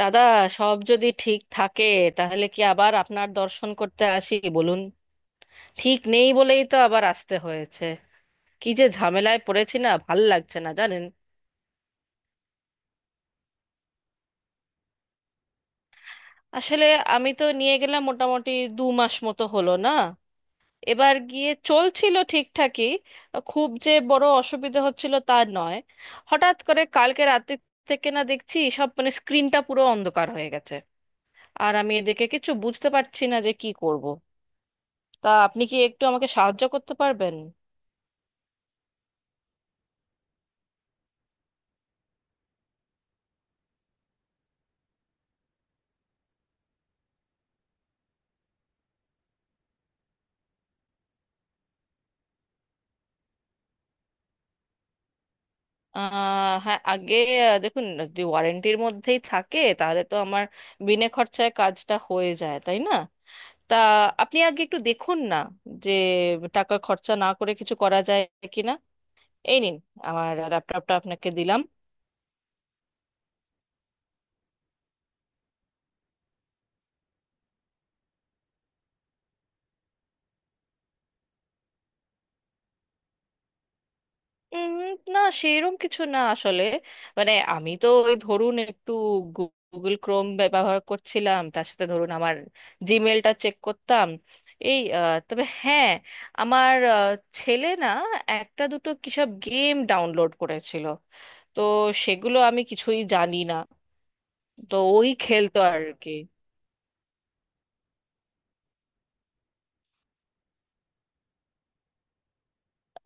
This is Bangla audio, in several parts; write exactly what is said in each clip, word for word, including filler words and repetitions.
দাদা, সব যদি ঠিক থাকে তাহলে কি আবার আপনার দর্শন করতে আসি বলুন? ঠিক নেই বলেই তো আবার আসতে হয়েছে। কি যে ঝামেলায় পড়েছি, না ভাল লাগছে, না জানেন। আসলে আমি তো নিয়ে গেলাম, মোটামুটি দু মাস মতো হলো না? এবার গিয়ে চলছিল ঠিকঠাকই। খুব যে বড় অসুবিধে হচ্ছিল তা নয়। হঠাৎ করে কালকে রাতে থেকে না, দেখছি সব মানে স্ক্রিনটা পুরো অন্ধকার হয়ে গেছে। আর আমি এদিকে কিছু বুঝতে পারছি না যে কি করব। তা আপনি কি একটু আমাকে সাহায্য করতে পারবেন? আহ হ্যাঁ, আগে আহ, দেখুন, যদি ওয়ারেন্টির মধ্যেই থাকে তাহলে তো আমার বিনে খরচায় কাজটা হয়ে যায়, তাই না? তা আপনি আগে একটু দেখুন না, যে টাকা খরচা না করে কিছু করা যায় কিনা। এই নিন, আমার ল্যাপটপটা আপনাকে দিলাম। উম, না, সেরকম কিছু না আসলে। মানে আমি তো ওই ধরুন একটু গুগল ক্রোম ব্যবহার করছিলাম, তার সাথে ধরুন আমার জিমেলটা চেক করতাম। এই আহ, তবে হ্যাঁ, আমার আহ, ছেলে না একটা দুটো কিসব গেম ডাউনলোড করেছিল, তো সেগুলো আমি কিছুই জানি না। তো ওই খেলতো আর কি।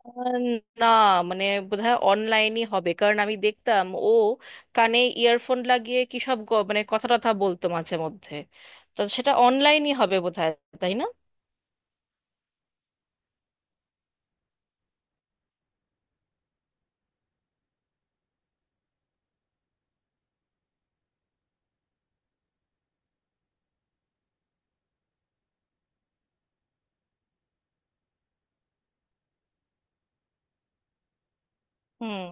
আহ, না, মানে বোধহয় অনলাইনই হবে, কারণ আমি দেখতাম ও কানে ইয়ারফোন লাগিয়ে কি সব গ- মানে কথা টথা বলতো মাঝে মধ্যে। তো সেটা অনলাইনই হবে বোধহয়, তাই না? হুম।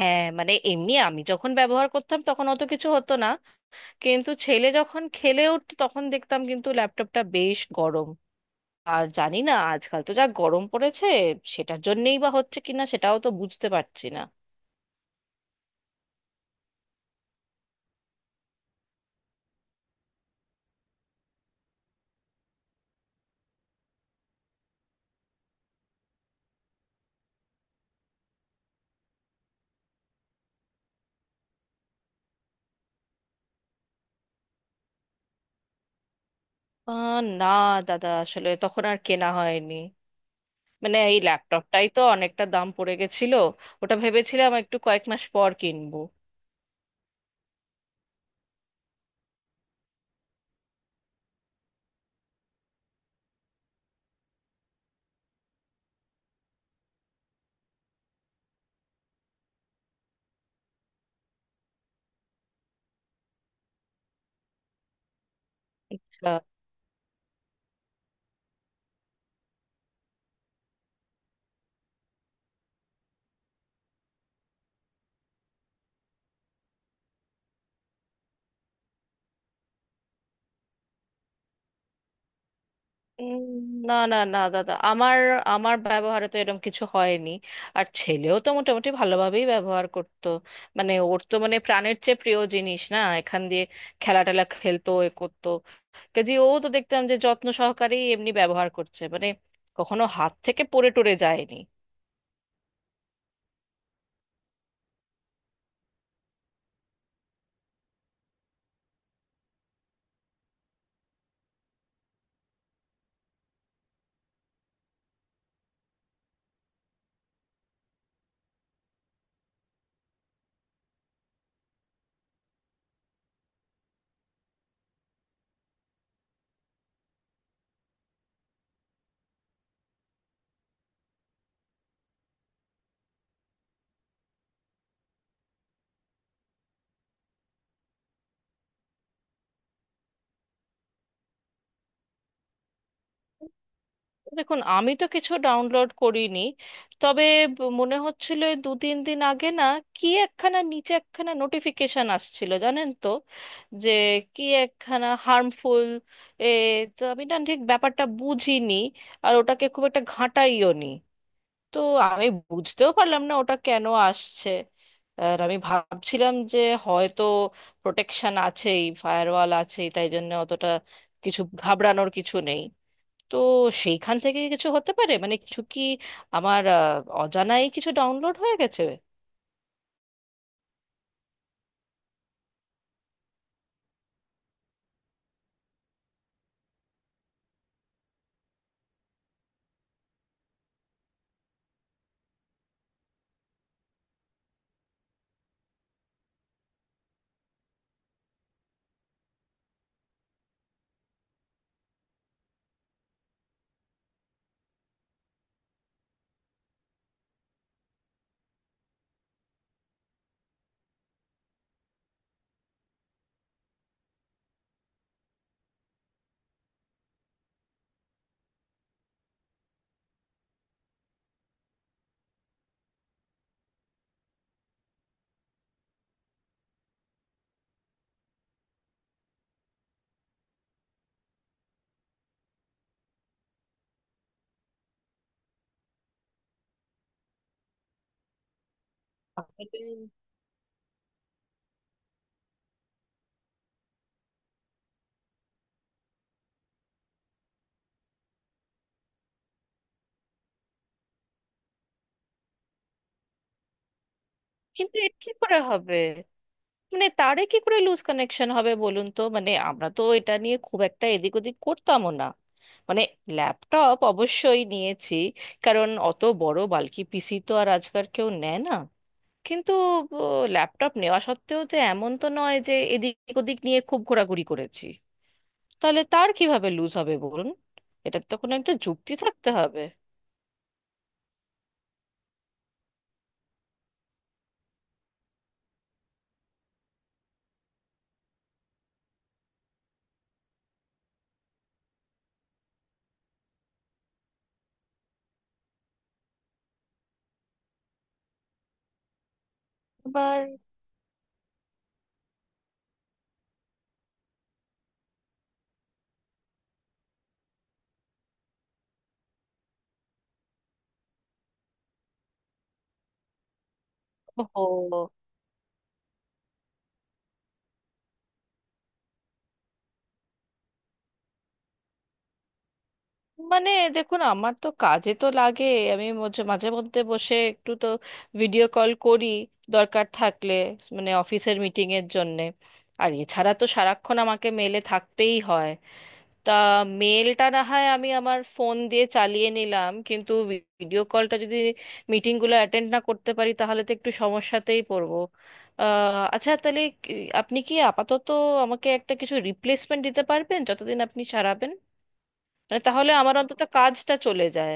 হ্যাঁ, মানে এমনি আমি যখন ব্যবহার করতাম তখন অত কিছু হতো না, কিন্তু ছেলে যখন খেলে উঠতো তখন দেখতাম কিন্তু ল্যাপটপটা বেশ গরম। আর জানি না, আজকাল তো যা গরম পড়েছে, সেটার জন্যই বা হচ্ছে কিনা সেটাও তো বুঝতে পারছি না। আহ, না দাদা, আসলে তখন আর কেনা হয়নি। মানে এই ল্যাপটপটাই তো অনেকটা দাম পড়ে গেছিল। ওটা ভেবেছিলাম একটু কয়েক মাস পর কিনবো। আচ্ছা। উম, না না না দাদা, আমার আমার ব্যবহারে তো এরকম কিছু হয়নি। আর ছেলেও তো মোটামুটি ভালোভাবেই ব্যবহার করতো। মানে ওর তো মানে প্রাণের চেয়ে প্রিয় জিনিস, না এখান দিয়ে খেলা টেলা খেলতো এ করতো। কাজে ও তো দেখতাম যে যত্ন সহকারেই এমনি ব্যবহার করছে, মানে কখনো হাত থেকে পড়ে টরে যায়নি। দেখুন, আমি তো কিছু ডাউনলোড করিনি। তবে ব- মনে হচ্ছিল এই দু তিন দিন আগে না, কি একখানা নিচে একখানা নোটিফিকেশন আসছিল জানেন তো। যে কি একখানা হার্মফুল এ, তো আমি না ঠিক ব্যাপারটা বুঝিনি। আর ওটাকে খুব একটা ঘাঁটাইও নি। তো আমি বুঝতেও পারলাম না ওটা কেন আসছে। আর আমি ভাবছিলাম যে হয়তো প্রোটেকশন আছেই, ফায়ারওয়াল আছেই, তাই জন্য অতটা কিছু ঘাবড়ানোর কিছু নেই। তো সেইখান থেকে কিছু হতে পারে, মানে কিছু কি আমার আহ, অজানাই কিছু ডাউনলোড হয়ে গেছে। তাহলে। কিন্তু এ কি করে হবে? মানে তারে কি করে লুজ কানেকশন হবে বলুন তো, মানে আমরা তো এটা নিয়ে খুব একটা এদিক ওদিক করতামও না। মানে ল্যাপটপ অবশ্যই নিয়েছি, কারণ অত বড় বালকি পিসি তো আর আজকাল কেউ নেয় না। কিন্তু ল্যাপটপ নেওয়া সত্ত্বেও যে এমন তো নয় যে এদিক ওদিক নিয়ে খুব ঘোরাঘুরি করেছি। তাহলে তার কিভাবে লুজ হবে বলুন? এটার তো কোনো একটা যুক্তি থাকতে হবে। এবার। ও, মানে দেখুন, আমার তো কাজে তো লাগে। আমি মাঝে মাঝে মধ্যে বসে একটু তো ভিডিও কল করি, দরকার থাকলে, মানে অফিসের মিটিংয়ের জন্যে। আর এছাড়া তো সারাক্ষণ আমাকে মেলে থাকতেই হয়। তা, মেলটা না হয় আমি আমার ফোন দিয়ে চালিয়ে নিলাম, কিন্তু ভিডিও কলটা যদি, মিটিংগুলো অ্যাটেন্ড না করতে পারি, তাহলে তো একটু সমস্যাতেই পড়বো। আহ, আচ্ছা, তাহলে কি- আপনি কি আপাতত আমাকে একটা কিছু রিপ্লেসমেন্ট দিতে পারবেন যতদিন আপনি সারাবেন? মানে তাহলে আমার অন্তত কাজটা চলে যায়।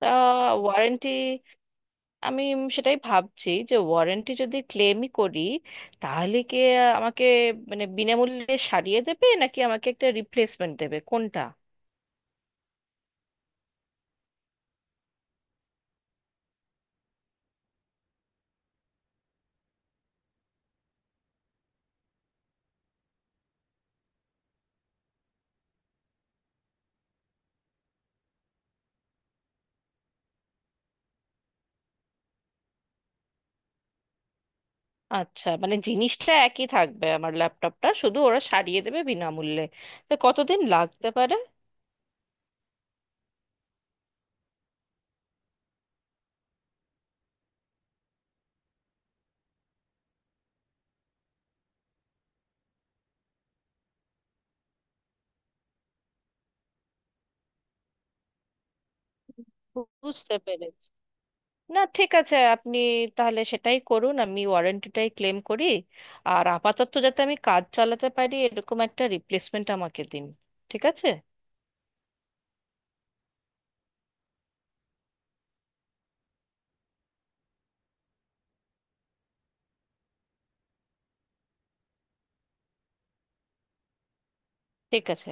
তা, ওয়ারেন্টি, আমি সেটাই ভাবছি যে ওয়ারেন্টি যদি ক্লেমই করি, তাহলে কি আমাকে মানে বিনামূল্যে সারিয়ে দেবে, নাকি আমাকে একটা রিপ্লেসমেন্ট দেবে, কোনটা? আচ্ছা, মানে জিনিসটা একই থাকবে, আমার ল্যাপটপটা শুধু ওরা সারিয়ে দেবে বিনামূল্যে। তো কতদিন লাগতে পারে? বুঝতে পেরেছি। না, ঠিক আছে, আপনি তাহলে সেটাই করুন, আমি ওয়ারেন্টিটাই ক্লেম করি। আর আপাতত যাতে আমি কাজ চালাতে পারি এরকম একটা রিপ্লেসমেন্ট আমাকে দিন। ঠিক আছে। ঠিক আছে।